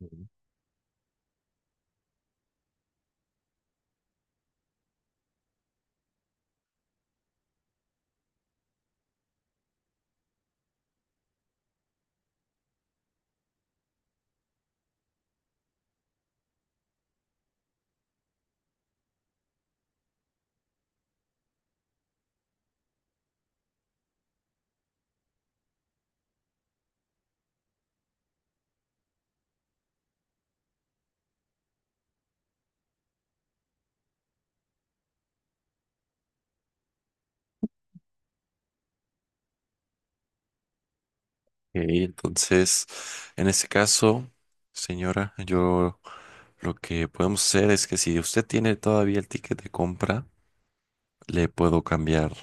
Ok, entonces, en ese caso, señora, yo lo que podemos hacer es que si usted tiene todavía el ticket de compra, le puedo cambiar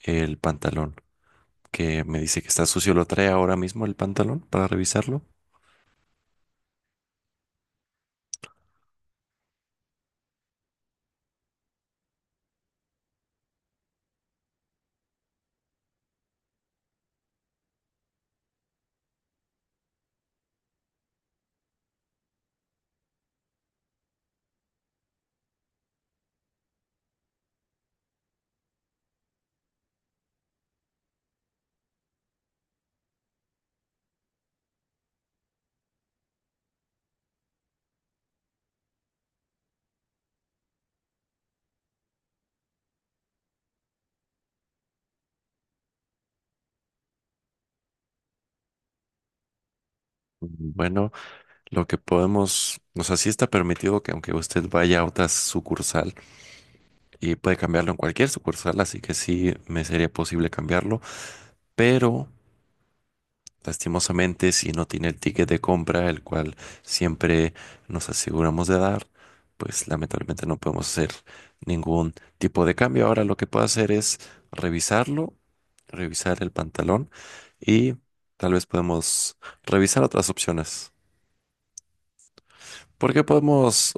el pantalón, que me dice que está sucio. ¿Lo trae ahora mismo el pantalón para revisarlo? Bueno, lo que podemos, o sea, sí está permitido que aunque usted vaya a otra sucursal y puede cambiarlo en cualquier sucursal, así que sí me sería posible cambiarlo, pero lastimosamente, si no tiene el ticket de compra, el cual siempre nos aseguramos de dar, pues lamentablemente no podemos hacer ningún tipo de cambio. Ahora lo que puedo hacer es revisarlo, revisar el pantalón y tal vez podemos revisar otras opciones. Porque podemos...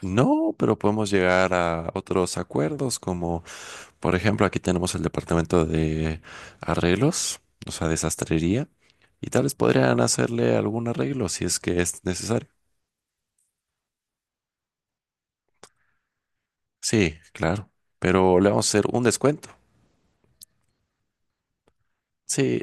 No, pero podemos llegar a otros acuerdos como, por ejemplo, aquí tenemos el departamento de arreglos, o sea, de sastrería, y tal vez podrían hacerle algún arreglo si es que es necesario. Sí, claro, pero le vamos a hacer un descuento. Sí,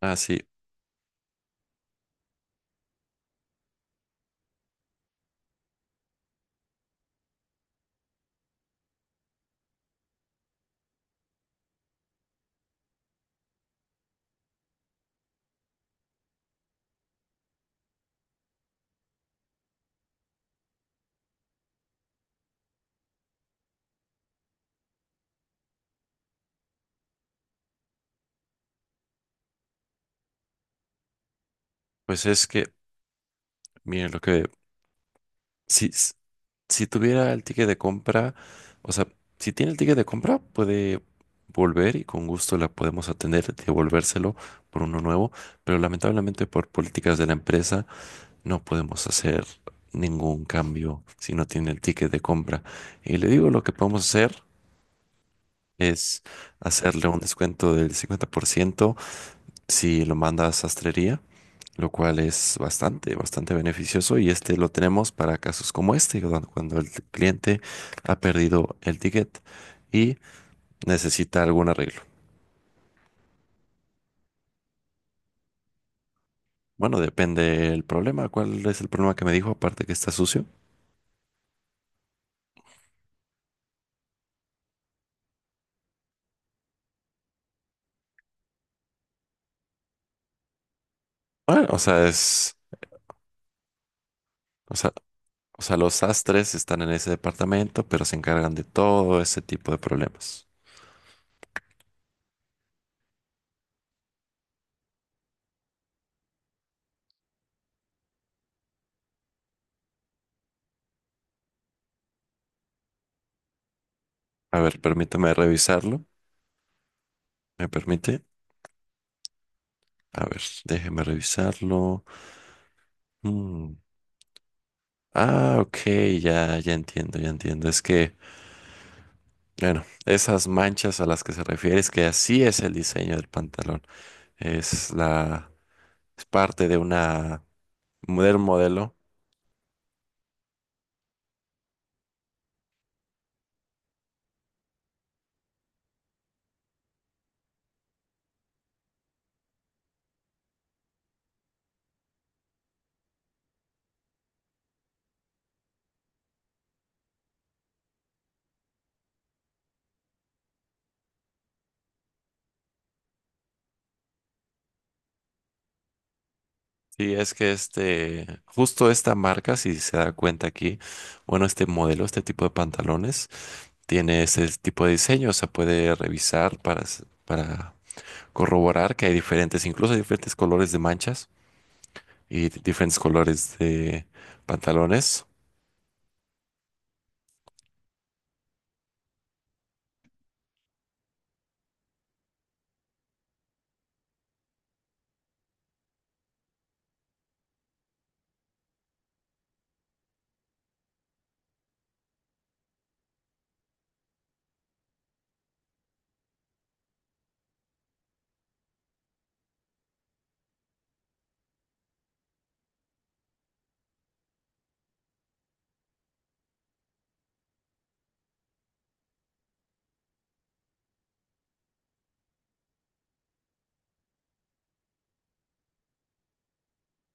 ah, sí, pues es que, miren, si, si tuviera el ticket de compra, o sea, si tiene el ticket de compra, puede volver y con gusto la podemos atender, devolvérselo por uno nuevo, pero lamentablemente por políticas de la empresa. No podemos hacer ningún cambio si no tiene el ticket de compra. Y le digo, lo que podemos hacer es hacerle un descuento del 50% si lo manda a sastrería, lo cual es bastante, bastante beneficioso y este lo tenemos para casos como este, cuando el cliente ha perdido el ticket y necesita algún arreglo. Bueno, depende el problema. ¿Cuál es el problema que me dijo? Aparte que está sucio. Bueno, o sea, es... O sea, O sea, los sastres están en ese departamento, pero se encargan de todo ese tipo de problemas. A ver, permítame revisarlo. ¿Me permite? A ver, déjeme revisarlo. Mm. Ah, ok, ya, ya entiendo, ya entiendo. Es que, bueno, esas manchas a las que se refiere es que así es el diseño del pantalón. Es la, es parte de una, del modelo. Sí, es que este, justo esta marca, si se da cuenta aquí, bueno, este modelo, este tipo de pantalones. Tiene ese tipo de diseño, se puede revisar para, para corroborar que hay diferentes, incluso hay diferentes colores de manchas y diferentes colores de pantalones.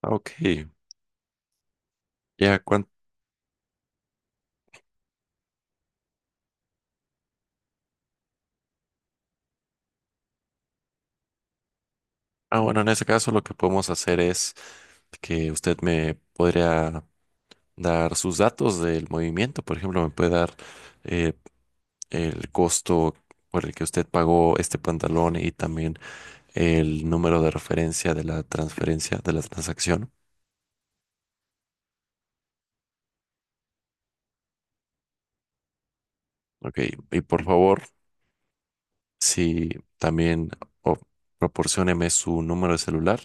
Ah, ok, ya Ah, bueno, en ese caso lo que podemos hacer es que usted me podría dar sus datos del movimiento, por ejemplo, me puede dar eh, el costo por el que usted pagó este pantalón y también el número de referencia de la transferencia, de la transacción. Ok, y por favor, si también o, proporcióneme su número de celular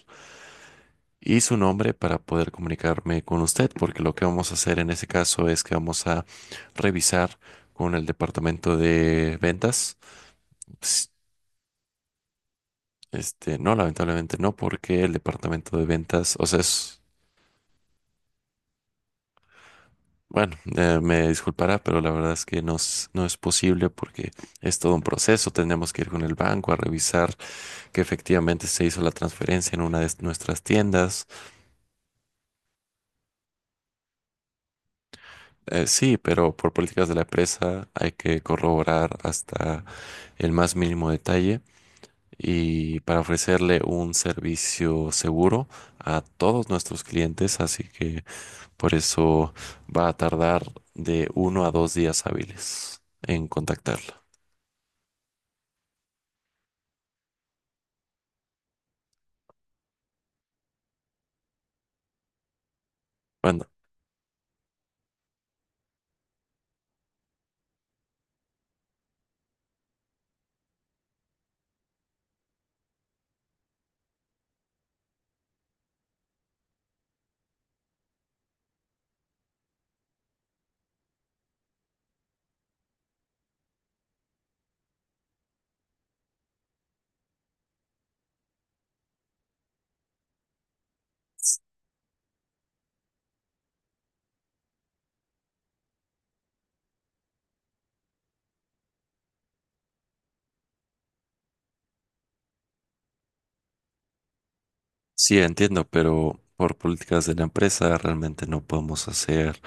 y su nombre para poder comunicarme con usted, porque lo que vamos a hacer en ese caso es que vamos a revisar con el departamento de ventas. Ps- Este, no, lamentablemente no, porque el departamento de ventas, o sea, es, bueno, me disculpará, pero la verdad es que no es posible porque es todo un proceso. Tenemos que ir con el banco a revisar que efectivamente se hizo la transferencia en una de nuestras tiendas. Sí, pero por políticas de la empresa hay que corroborar hasta el más mínimo detalle y para ofrecerle un servicio seguro a todos nuestros clientes, así que por eso va a tardar de 1 a 2 días hábiles en contactarla. Bueno, sí, entiendo, pero por políticas de la empresa realmente no podemos hacer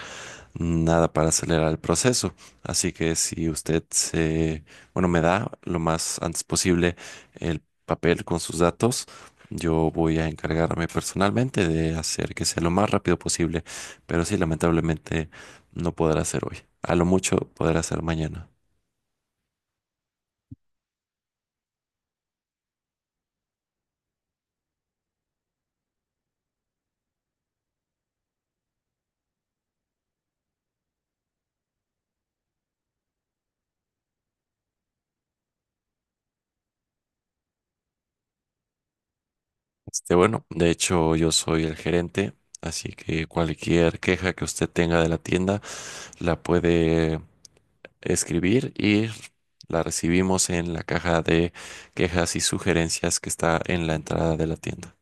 nada para acelerar el proceso. Así que si usted se, bueno, me da lo más antes posible el papel con sus datos, yo voy a encargarme personalmente de hacer que sea lo más rápido posible. Pero sí, lamentablemente no podrá ser hoy. A lo mucho podrá ser mañana. Este, bueno, de hecho yo soy el gerente, así que cualquier queja que usted tenga de la tienda la puede escribir y la recibimos en la caja de quejas y sugerencias que está en la entrada de la tienda.